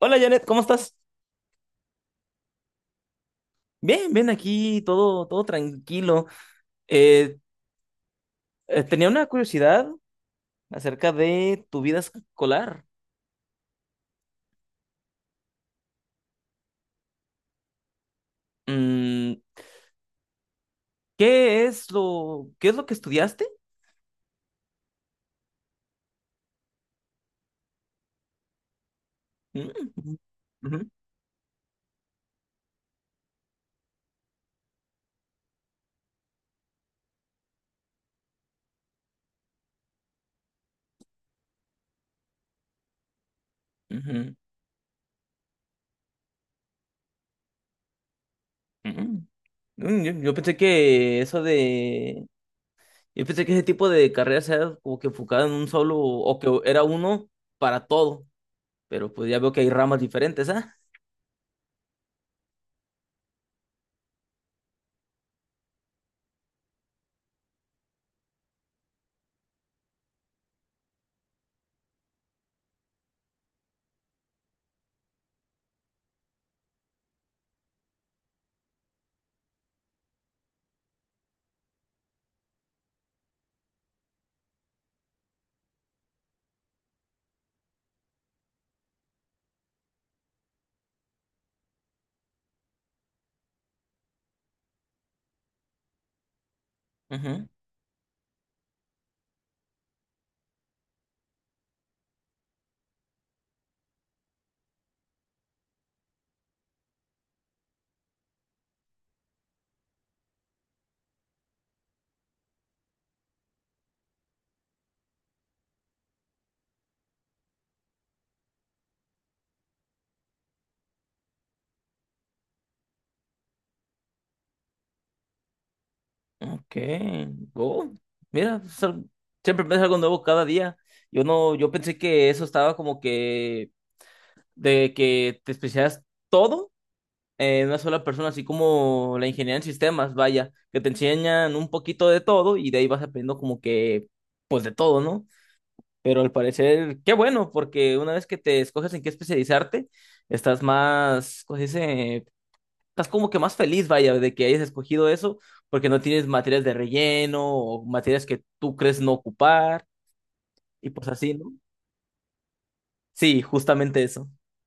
Hola Janet, ¿cómo estás? Bien, bien aquí, todo tranquilo. Eh, tenía una curiosidad acerca de tu vida escolar. Mm, qué es lo que estudiaste? Mm, ujú, ujú, ujú. Yo pensé yo pensé que ese tipo de carreras era como que enfocada en un solo, o que era uno para todo, pero pues ya veo que hay ramas diferentes, ¿ah? Ok. Oh, mira, siempre aprendes algo nuevo cada día. Yo no, yo pensé que eso estaba como que de que te especializas todo en una sola persona, así como la ingeniería en sistemas, vaya, que te enseñan un poquito de todo y de ahí vas aprendiendo como que, pues de todo, ¿no? Pero al parecer, qué bueno, porque una vez que te escoges en qué especializarte, estás más, ¿cómo se dice? Estás como que más feliz, vaya, de que hayas escogido eso, porque no tienes materias de relleno o materias que tú crees no ocupar, y pues así, ¿no? Sí, justamente eso.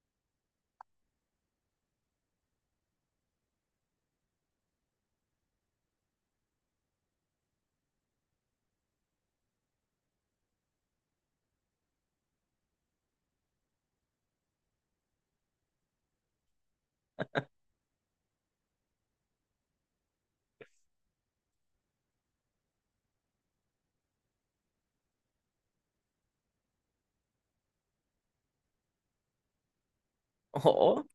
Oh,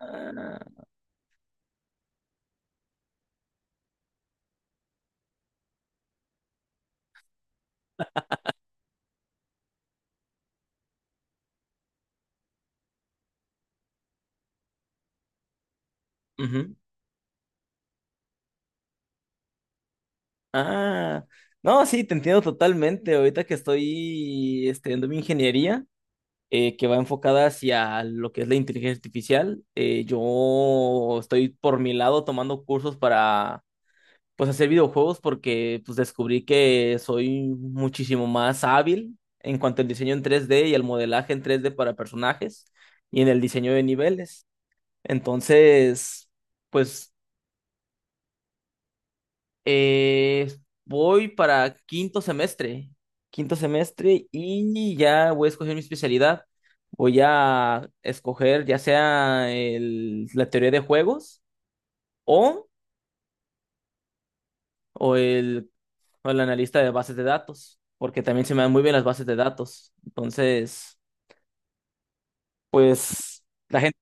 ah, ujú, ah. No, sí, te entiendo totalmente. Ahorita que estoy estudiando mi ingeniería, que va enfocada hacia lo que es la inteligencia artificial, yo estoy por mi lado tomando cursos para pues hacer videojuegos porque pues descubrí que soy muchísimo más hábil en cuanto al diseño en 3D y al modelaje en 3D para personajes y en el diseño de niveles. Entonces, pues eh, voy para quinto semestre y ya voy a escoger mi especialidad. Voy a escoger ya sea la teoría de juegos o, o el o el analista de bases de datos, porque también se me dan muy bien las bases de datos. Entonces, pues la gente...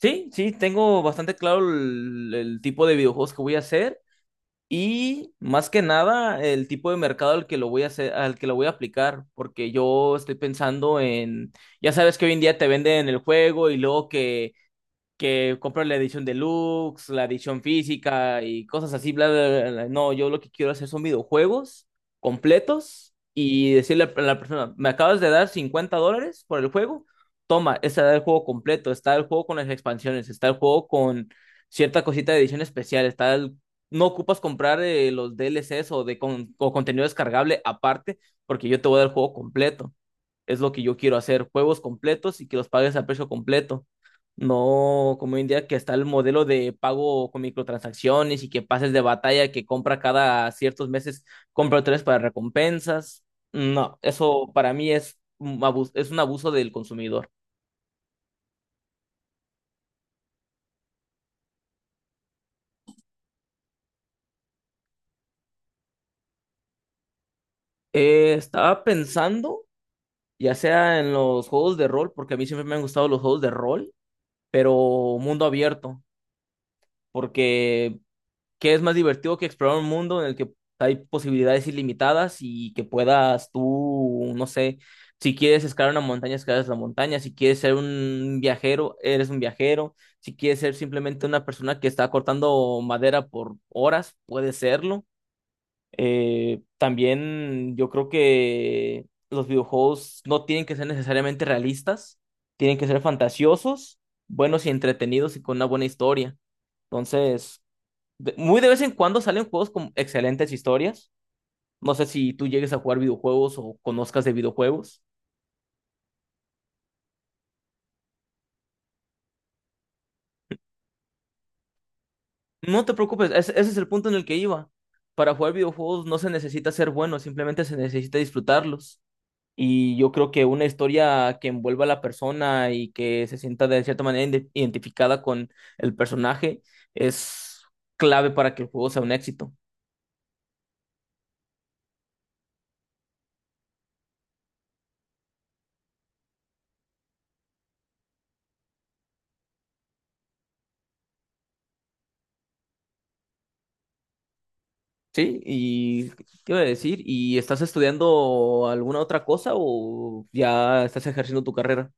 Sí, sí, tengo bastante claro el tipo de videojuegos que voy a hacer y más que nada el tipo de mercado al que lo voy a hacer, al que lo voy a aplicar, porque yo estoy pensando en, ya sabes que hoy en día te venden el juego y luego que comprar la edición deluxe, la edición física y cosas así, bla, bla, bla, bla. No, yo lo que quiero hacer son videojuegos completos y decirle a la persona, me acabas de dar $50 por el juego, toma, está el juego completo, está el juego con las expansiones, está el juego con cierta cosita de edición especial, está el... No ocupas comprar los DLCs o, o contenido descargable aparte, porque yo te voy a dar el juego completo. Es lo que yo quiero hacer, juegos completos y que los pagues a precio completo. No, como hoy en día que está el modelo de pago con microtransacciones y que pases de batalla que compra cada ciertos meses, compra tres para recompensas. No, eso para mí es un abuso del consumidor. Estaba pensando, ya sea en los juegos de rol, porque a mí siempre me han gustado los juegos de rol, pero mundo abierto, porque que es más divertido que explorar un mundo en el que hay posibilidades ilimitadas y que puedas tú, no sé, si quieres escalar una montaña, escalas la montaña, si quieres ser un viajero, eres un viajero, si quieres ser simplemente una persona que está cortando madera por horas, puedes serlo. También yo creo que los videojuegos no tienen que ser necesariamente realistas, tienen que ser fantasiosos, buenos y entretenidos y con una buena historia. Entonces, muy de vez en cuando salen juegos con excelentes historias. No sé si tú llegues a jugar videojuegos o conozcas de videojuegos. No te preocupes, ese es el punto en el que iba. Para jugar videojuegos no se necesita ser bueno, simplemente se necesita disfrutarlos. Y yo creo que una historia que envuelva a la persona y que se sienta de cierta manera identificada con el personaje es clave para que el juego sea un éxito. Sí, y ¿qué iba a decir? ¿Y estás estudiando alguna otra cosa o ya estás ejerciendo tu carrera?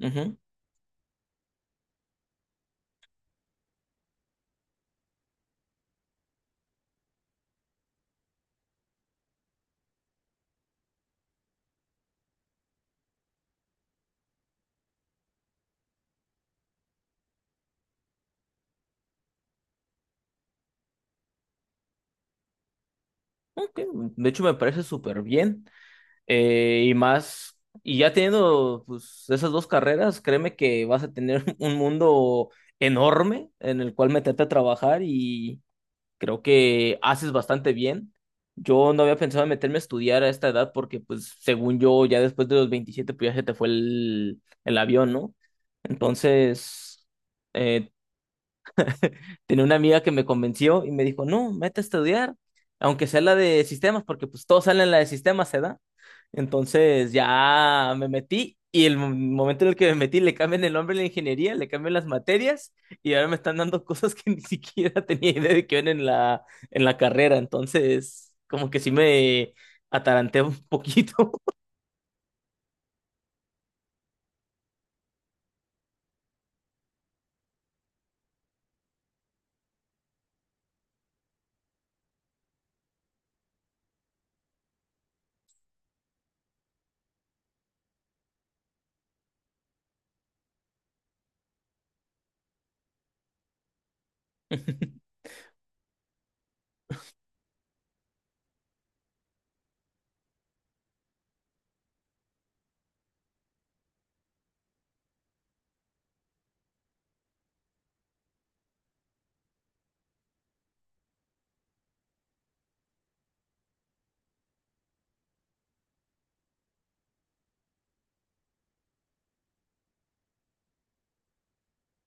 Ujú. Ok, de hecho, me parece súper bien. Y más, y ya teniendo pues, esas dos carreras, créeme que vas a tener un mundo enorme en el cual meterte a trabajar y, creo que haces bastante bien. Yo no había pensado en meterme a estudiar a esta edad porque, pues, según yo, ya después de los 27 pues ya se te fue el avión, ¿no? Entonces, eh, tenía una amiga que me convenció y me dijo, no, mete a estudiar, aunque sea la de sistemas, porque pues todos salen la de sistemas, se entonces ya me metí y el momento en el que me metí le cambian el nombre a la ingeniería, le cambian las materias y ahora me están dando cosas que ni siquiera tenía idea de que iban en la carrera. Entonces, como que sí me ataranté un poquito.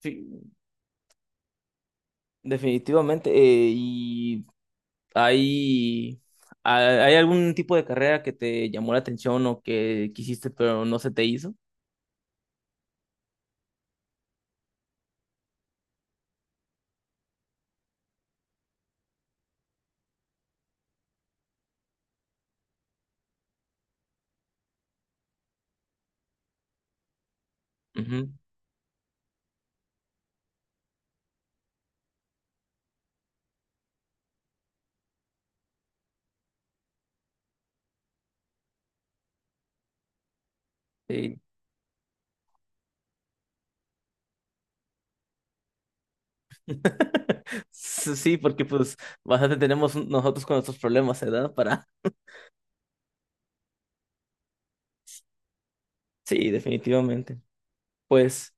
Sí, definitivamente. ¿Y hay, hay algún tipo de carrera que te llamó la atención o que quisiste pero no se te hizo? Ujú, sí. Sí, porque pues bastante tenemos nosotros con nuestros problemas, ¿verdad? Para... Sí, definitivamente. Pues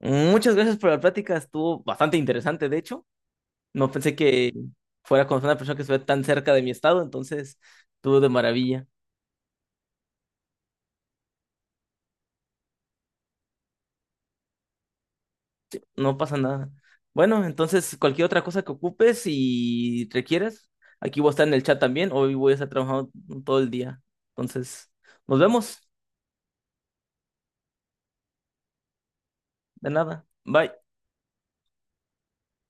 muchas gracias por la plática, estuvo bastante interesante, de hecho. No pensé que fuera con una persona que estuviera tan cerca de mi estado, entonces estuvo de maravilla. No pasa nada. Bueno, entonces cualquier otra cosa que ocupes y requieras, aquí voy a estar en el chat también. Hoy voy a estar trabajando todo el día. Entonces, nos vemos. De nada. Bye.